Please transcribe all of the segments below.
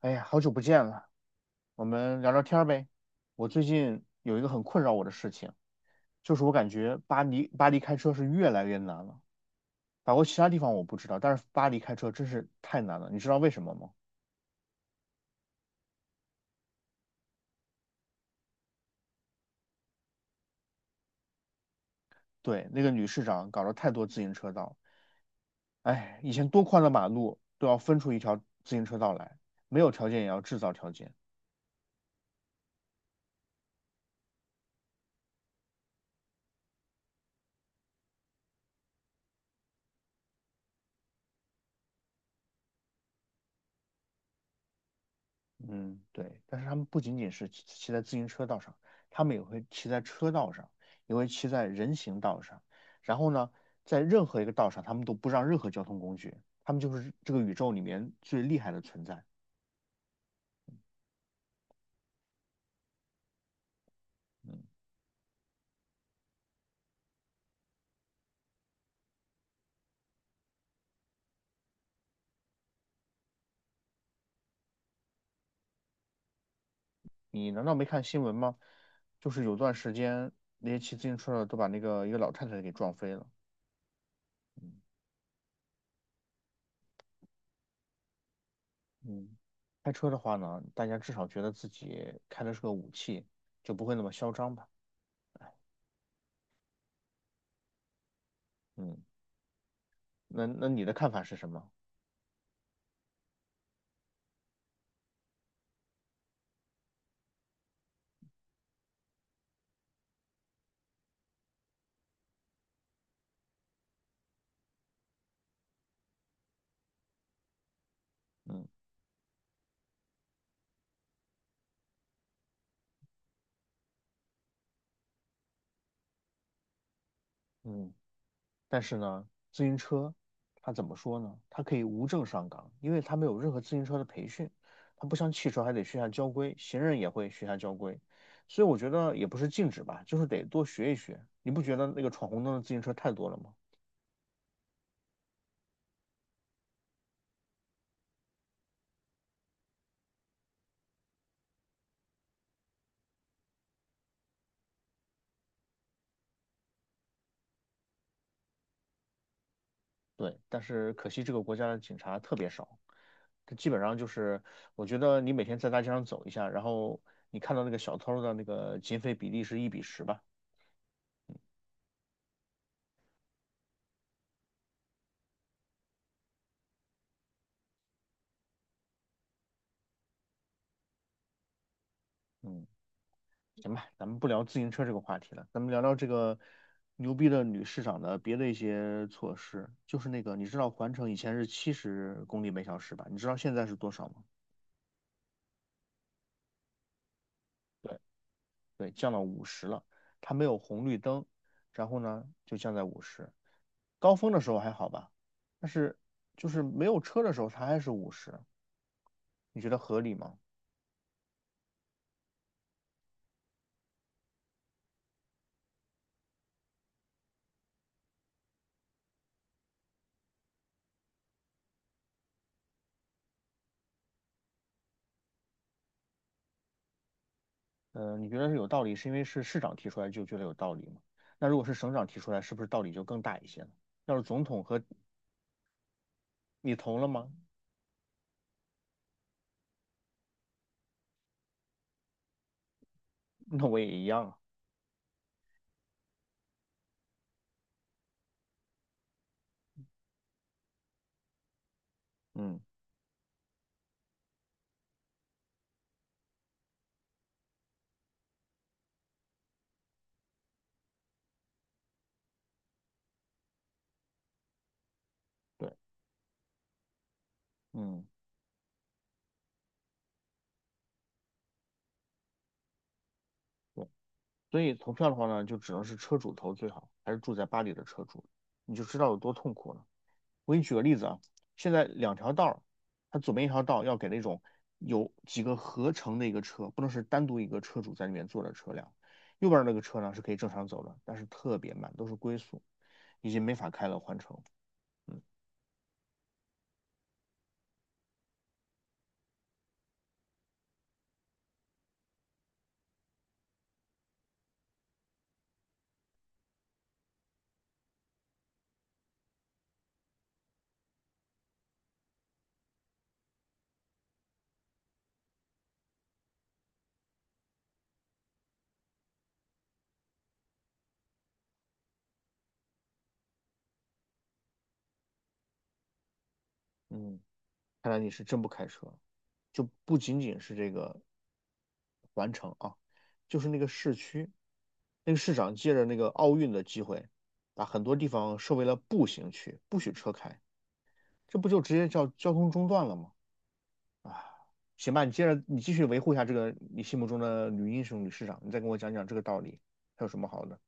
哎呀，好久不见了，我们聊聊天儿呗。我最近有一个很困扰我的事情，就是我感觉巴黎开车是越来越难了。法国其他地方我不知道，但是巴黎开车真是太难了。你知道为什么吗？对，那个女市长搞了太多自行车道，哎，以前多宽的马路都要分出一条自行车道来，没有条件也要制造条件。嗯，对，但是他们不仅仅是骑在自行车道上，他们也会骑在车道上，也会骑在人行道上。然后呢，在任何一个道上，他们都不让任何交通工具，他们就是这个宇宙里面最厉害的存在。嗯，你难道没看新闻吗？就是有段时间，那些骑自行车的都把那个一个老太太给撞飞了。嗯嗯，开车的话呢，大家至少觉得自己开的是个武器，就不会那么嚣张吧？嗯，那你的看法是什么？嗯。嗯，但是呢，自行车它怎么说呢？它可以无证上岗，因为它没有任何自行车的培训，它不像汽车还得学下交规，行人也会学下交规，所以我觉得也不是禁止吧，就是得多学一学。你不觉得那个闯红灯的自行车太多了吗？对，但是可惜这个国家的警察特别少，他基本上就是，我觉得你每天在大街上走一下，然后你看到那个小偷的那个劫匪比例是1比10吧，嗯。行吧，咱们不聊自行车这个话题了，咱们聊聊这个牛逼的女市长的别的一些措施。就是那个，你知道环城以前是70公里每小时吧？你知道现在是多少吗？对，对，降到五十了。它没有红绿灯，然后呢就降在五十。高峰的时候还好吧，但是就是没有车的时候它还是五十，你觉得合理吗？你觉得是有道理，是因为是市长提出来就觉得有道理吗？那如果是省长提出来，是不是道理就更大一些了？要是总统和你投了吗？那我也一样啊。嗯，对，嗯，对。所以投票的话呢，就只能是车主投最好，还是住在巴黎的车主，你就知道有多痛苦了。我给你举个例子啊，现在两条道儿它左边一条道要给那种有几个合成的一个车，不能是单独一个车主在里面坐的车辆。右边那个车呢是可以正常走的，但是特别慢，都是龟速，已经没法开了，换乘。嗯嗯。看来你是真不开车，就不仅仅是这个环城啊，就是那个市区，那个市长借着那个奥运的机会，把很多地方设为了步行区，不许车开，这不就直接叫交通中断了吗？啊，行吧，你接着你继续维护一下这个你心目中的女英雄、女市长，你再跟我讲讲这个道理，还有什么好的？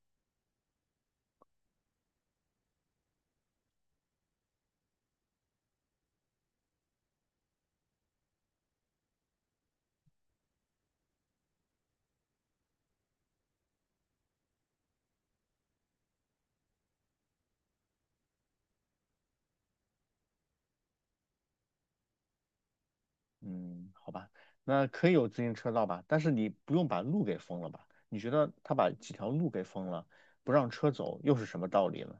嗯，好吧，那可以有自行车道吧，但是你不用把路给封了吧？你觉得他把几条路给封了，不让车走，又是什么道理呢？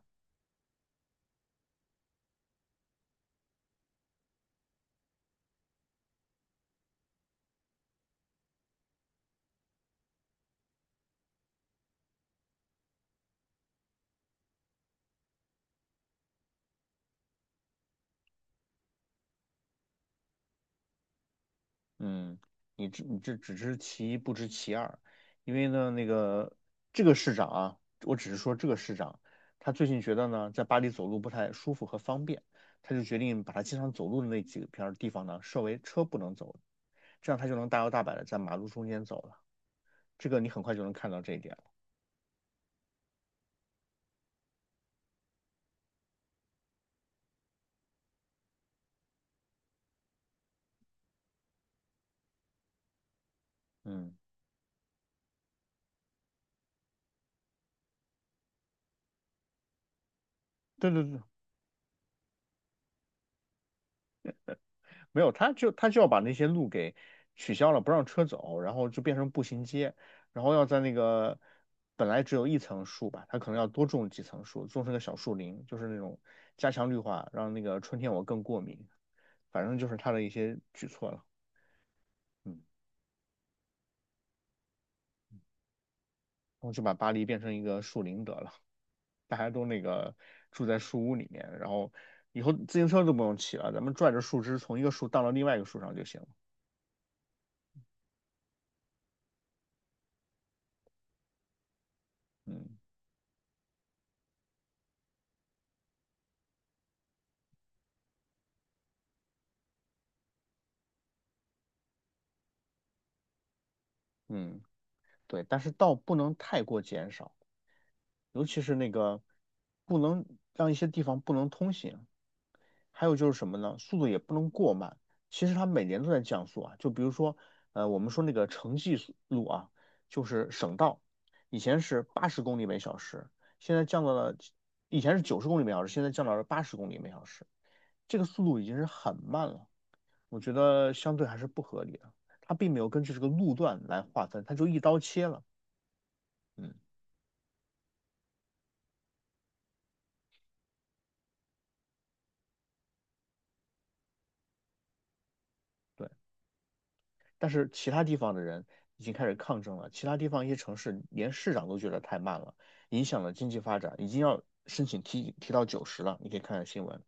嗯，你这只知其一不知其二，因为呢，那个这个市长啊，我只是说这个市长，他最近觉得呢，在巴黎走路不太舒服和方便，他就决定把他经常走路的那几片儿地方呢，设为车不能走，这样他就能大摇大摆的在马路中间走了。这个你很快就能看到这一点了。嗯，对对对，没有，他就要把那些路给取消了，不让车走，然后就变成步行街，然后要在那个本来只有一层树吧，他可能要多种几层树，种成个小树林，就是那种加强绿化，让那个春天我更过敏。反正就是他的一些举措了，嗯，然后就把巴黎变成一个树林得了，大家都那个住在树屋里面，然后以后自行车都不用骑了，咱们拽着树枝从一个树荡到另外一个树上就行了，嗯嗯。对，但是道不能太过减少，尤其是那个不能让一些地方不能通行。还有就是什么呢？速度也不能过慢。其实它每年都在降速啊，就比如说，我们说那个城际速路啊，就是省道，以前是八十公里每小时，现在降到了，以前是90公里每小时，现在降到了八十公里每小时，这个速度已经是很慢了，我觉得相对还是不合理的。它并没有根据这个路段来划分，它就一刀切了。嗯。对。但是其他地方的人已经开始抗争了，其他地方一些城市连市长都觉得太慢了，影响了经济发展，已经要申请提到九十了。你可以看看新闻。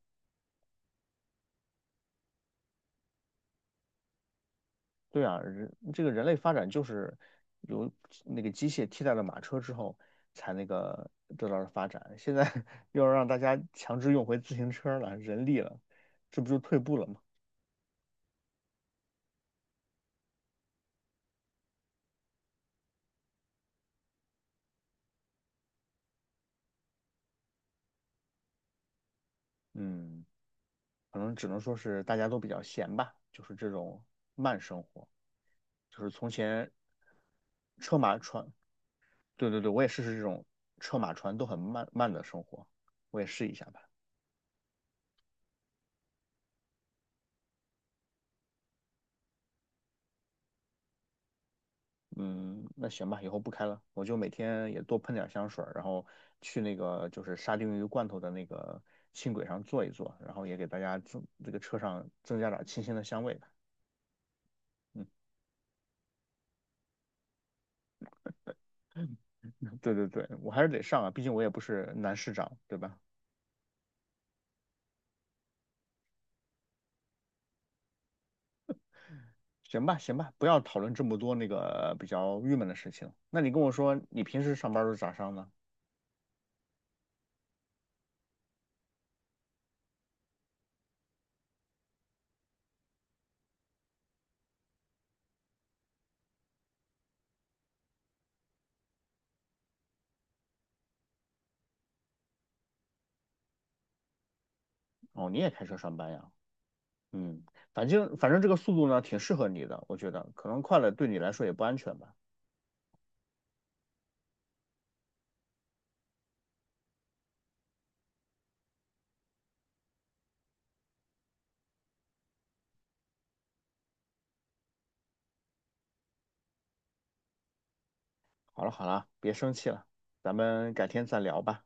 对啊，人这个人类发展就是由那个机械替代了马车之后才那个得到了发展，现在 又要让大家强制用回自行车了，人力了，这不就退步了吗？嗯，可能只能说是大家都比较闲吧，就是这种慢生活，就是从前车马船，对对对，我也试试这种车马船都很慢慢的生活，我也试一下吧。嗯，那行吧，以后不开了，我就每天也多喷点香水儿然后去那个就是沙丁鱼罐头的那个轻轨上坐一坐，然后也给大家增这个车上增加点儿清新的香味吧。嗯，对对对，我还是得上啊，毕竟我也不是男市长，对吧？行吧，行吧，不要讨论这么多那个比较郁闷的事情。那你跟我说，你平时上班都是咋上呢？哦，你也开车上班呀？嗯，反正这个速度呢，挺适合你的，我觉得可能快了对你来说也不安全吧。好了好了，别生气了，咱们改天再聊吧。